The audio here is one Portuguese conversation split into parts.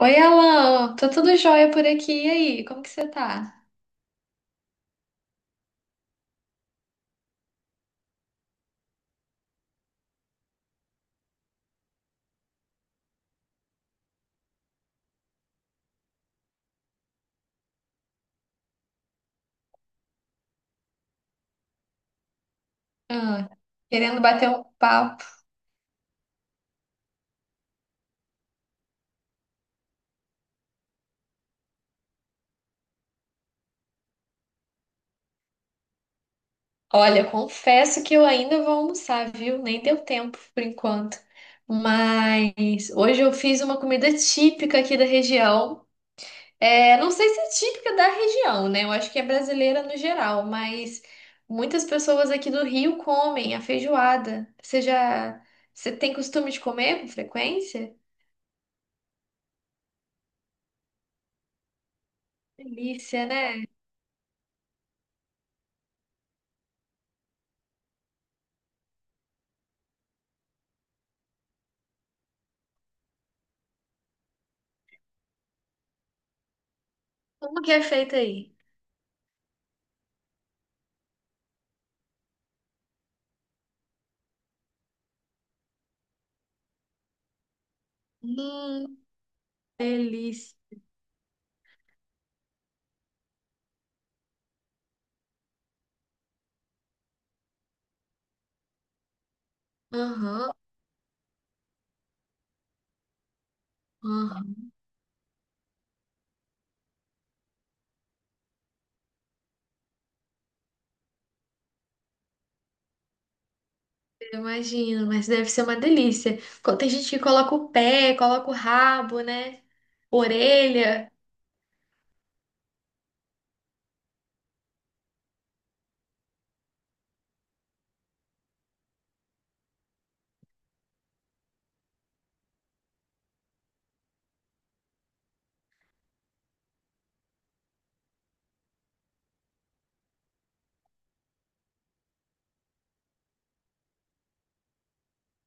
Oi, Alan, tô tudo jóia por aqui. E aí, como que você tá? Ah, querendo bater um papo. Olha, confesso que eu ainda vou almoçar, viu? Nem deu tempo por enquanto. Mas hoje eu fiz uma comida típica aqui da região. É, não sei se é típica da região, né? Eu acho que é brasileira no geral, mas muitas pessoas aqui do Rio comem a feijoada. Você tem costume de comer com frequência? Delícia, né? Como que é feita aí? Hum, delícia. Aham, aham. Eu imagino, mas deve ser uma delícia. Co- Tem gente que coloca o pé, coloca o rabo, né? Orelha.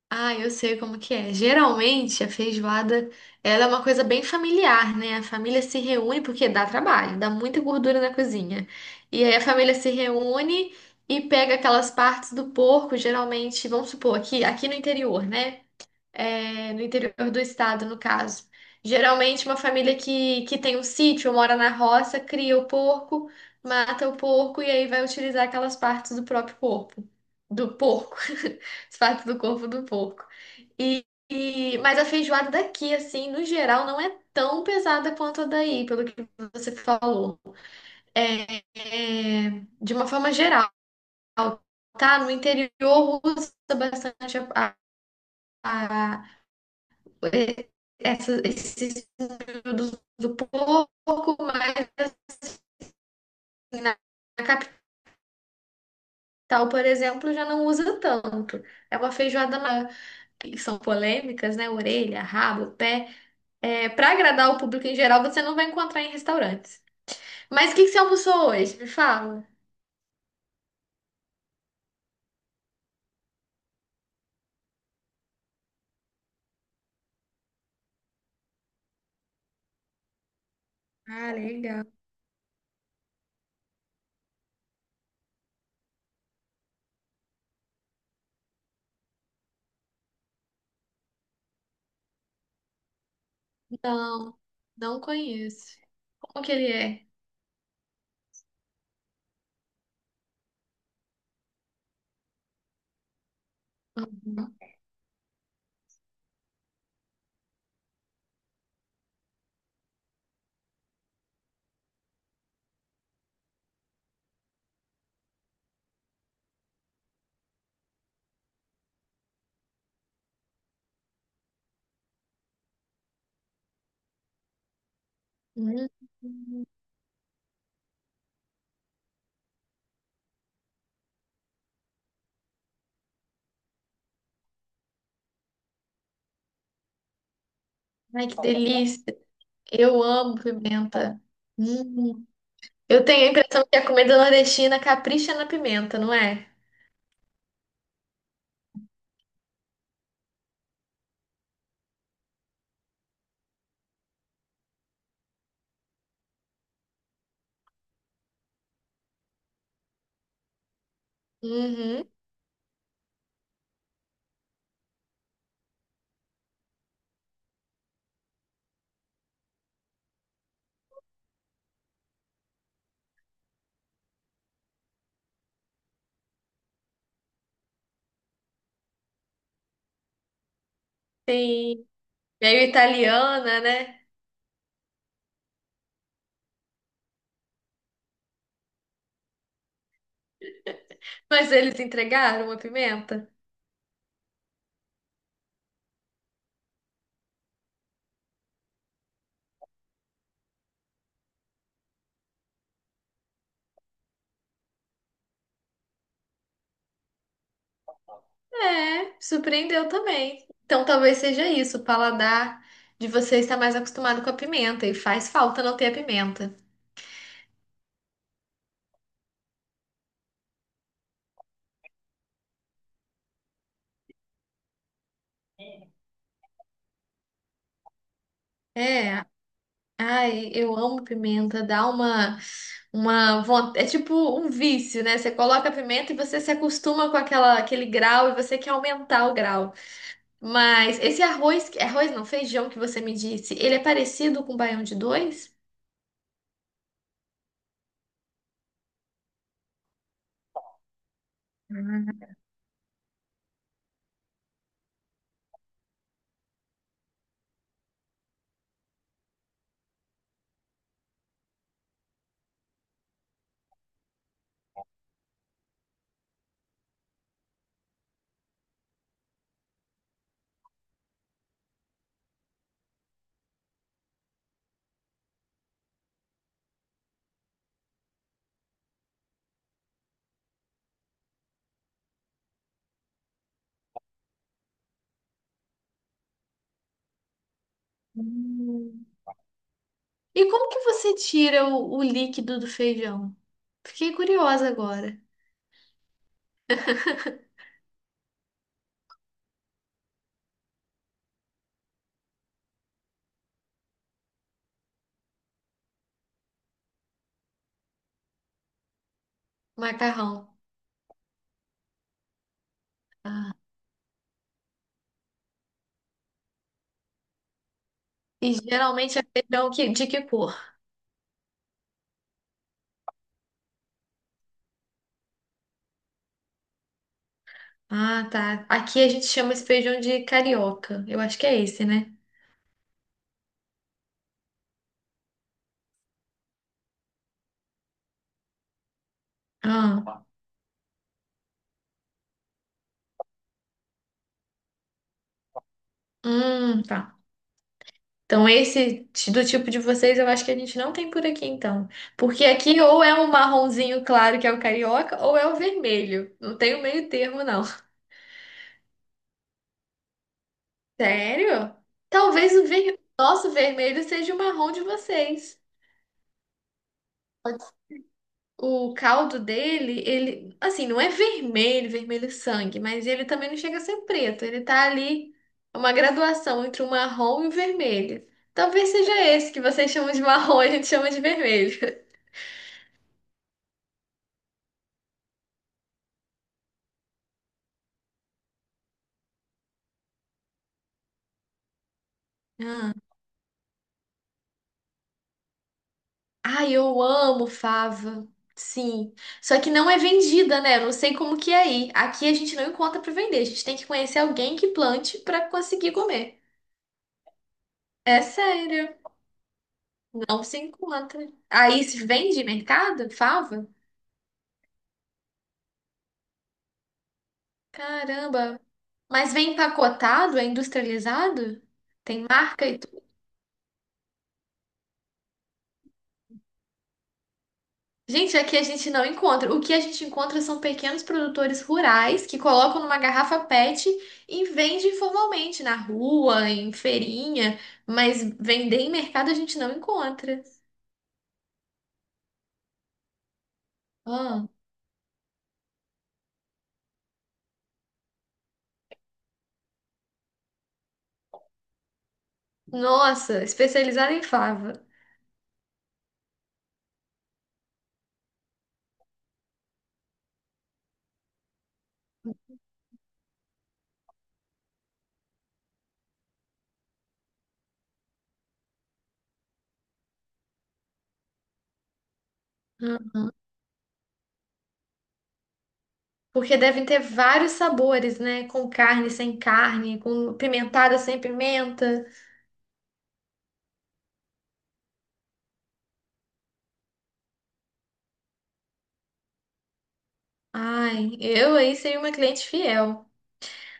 Ah, eu sei como que é. Geralmente a feijoada, ela é uma coisa bem familiar, né? A família se reúne porque dá trabalho, dá muita gordura na cozinha. E aí a família se reúne e pega aquelas partes do porco, geralmente, vamos supor, aqui no interior, né? É, no interior do estado, no caso. Geralmente, uma família que tem um sítio, ou mora na roça, cria o porco, mata o porco e aí vai utilizar aquelas partes do próprio corpo, do porco, as partes do corpo do porco. E, mas a feijoada daqui, assim, no geral, não é tão pesada quanto a daí, pelo que você falou. É, é, de uma forma geral, tá? No interior usa bastante a- essa, esses períodos do pouco, mais na, capital, por exemplo, já não usa tanto. É uma feijoada na- que são polêmicas, né? Orelha, rabo, pé. É, para agradar o público em geral, você não vai encontrar em restaurantes. Mas o que que você almoçou hoje? Me fala. Ah, legal. Não, não conheço. Como que ele é? Uhum. Hum, ai, que delícia. Eu amo pimenta. Hum. Hum. Eu tenho a impressão que a comida nordestina capricha na pimenta, não é? Uhum, sim. Meio italiana, né? Mas eles entregaram a pimenta? É, surpreendeu também. Então talvez seja isso, o paladar de você está mais acostumado com a pimenta e faz falta não ter a pimenta. É, ai, eu amo pimenta, dá uma vontade, é tipo um vício, né? Você coloca a pimenta e você se acostuma com aquela aquele grau e você quer aumentar o grau. Mas esse arroz, arroz não, feijão que você me disse, ele é parecido com o baião de dois? Hum. E como que você tira o líquido do feijão? Fiquei curiosa agora. Macarrão. Ah, e geralmente é feijão que, de que cor? Ah, tá. Aqui a gente chama esse feijão de carioca. Eu acho que é esse, né? Ah, tá. Então, do tipo de vocês eu acho que a gente não tem por aqui, então. Porque aqui ou é um marronzinho claro, que é o carioca, ou é o vermelho. Não tem o meio termo, não. Sério? Talvez o ver... nosso vermelho seja o marrom de vocês. O caldo dele, ele, assim, não é vermelho, vermelho sangue, mas ele também não chega a ser preto. Ele tá ali, é uma graduação entre o marrom e o vermelho. Talvez seja esse que vocês chamam de marrom e a gente chama de vermelho. Ah. Ai, eu amo fava. Sim. Só que não é vendida, né? Eu não sei como que é aí. Aqui a gente não encontra pra vender. A gente tem que conhecer alguém que plante pra conseguir comer. É sério, não se encontra. Aí se vende mercado, fava? Caramba. Mas vem empacotado, é industrializado? Tem marca? Gente, aqui a gente não encontra. O que a gente encontra são pequenos produtores rurais que colocam numa garrafa PET e vendem informalmente na rua, em feirinha, mas vender em mercado a gente não encontra. Ah, nossa, especializada em fava. Ah, porque devem ter vários sabores, né? Com carne, sem carne, com pimentada, sem pimenta. Ai, eu aí seria uma cliente fiel.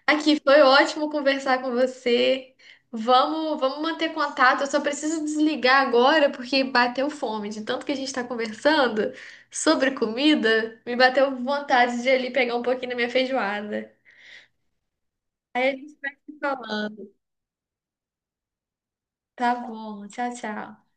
Aqui foi ótimo conversar com você. Vamos manter contato. Eu só preciso desligar agora porque bateu fome. De tanto que a gente está conversando sobre comida, me bateu vontade de ir ali pegar um pouquinho da minha feijoada. Aí a gente vai se falando. Tá bom. Tchau, tchau.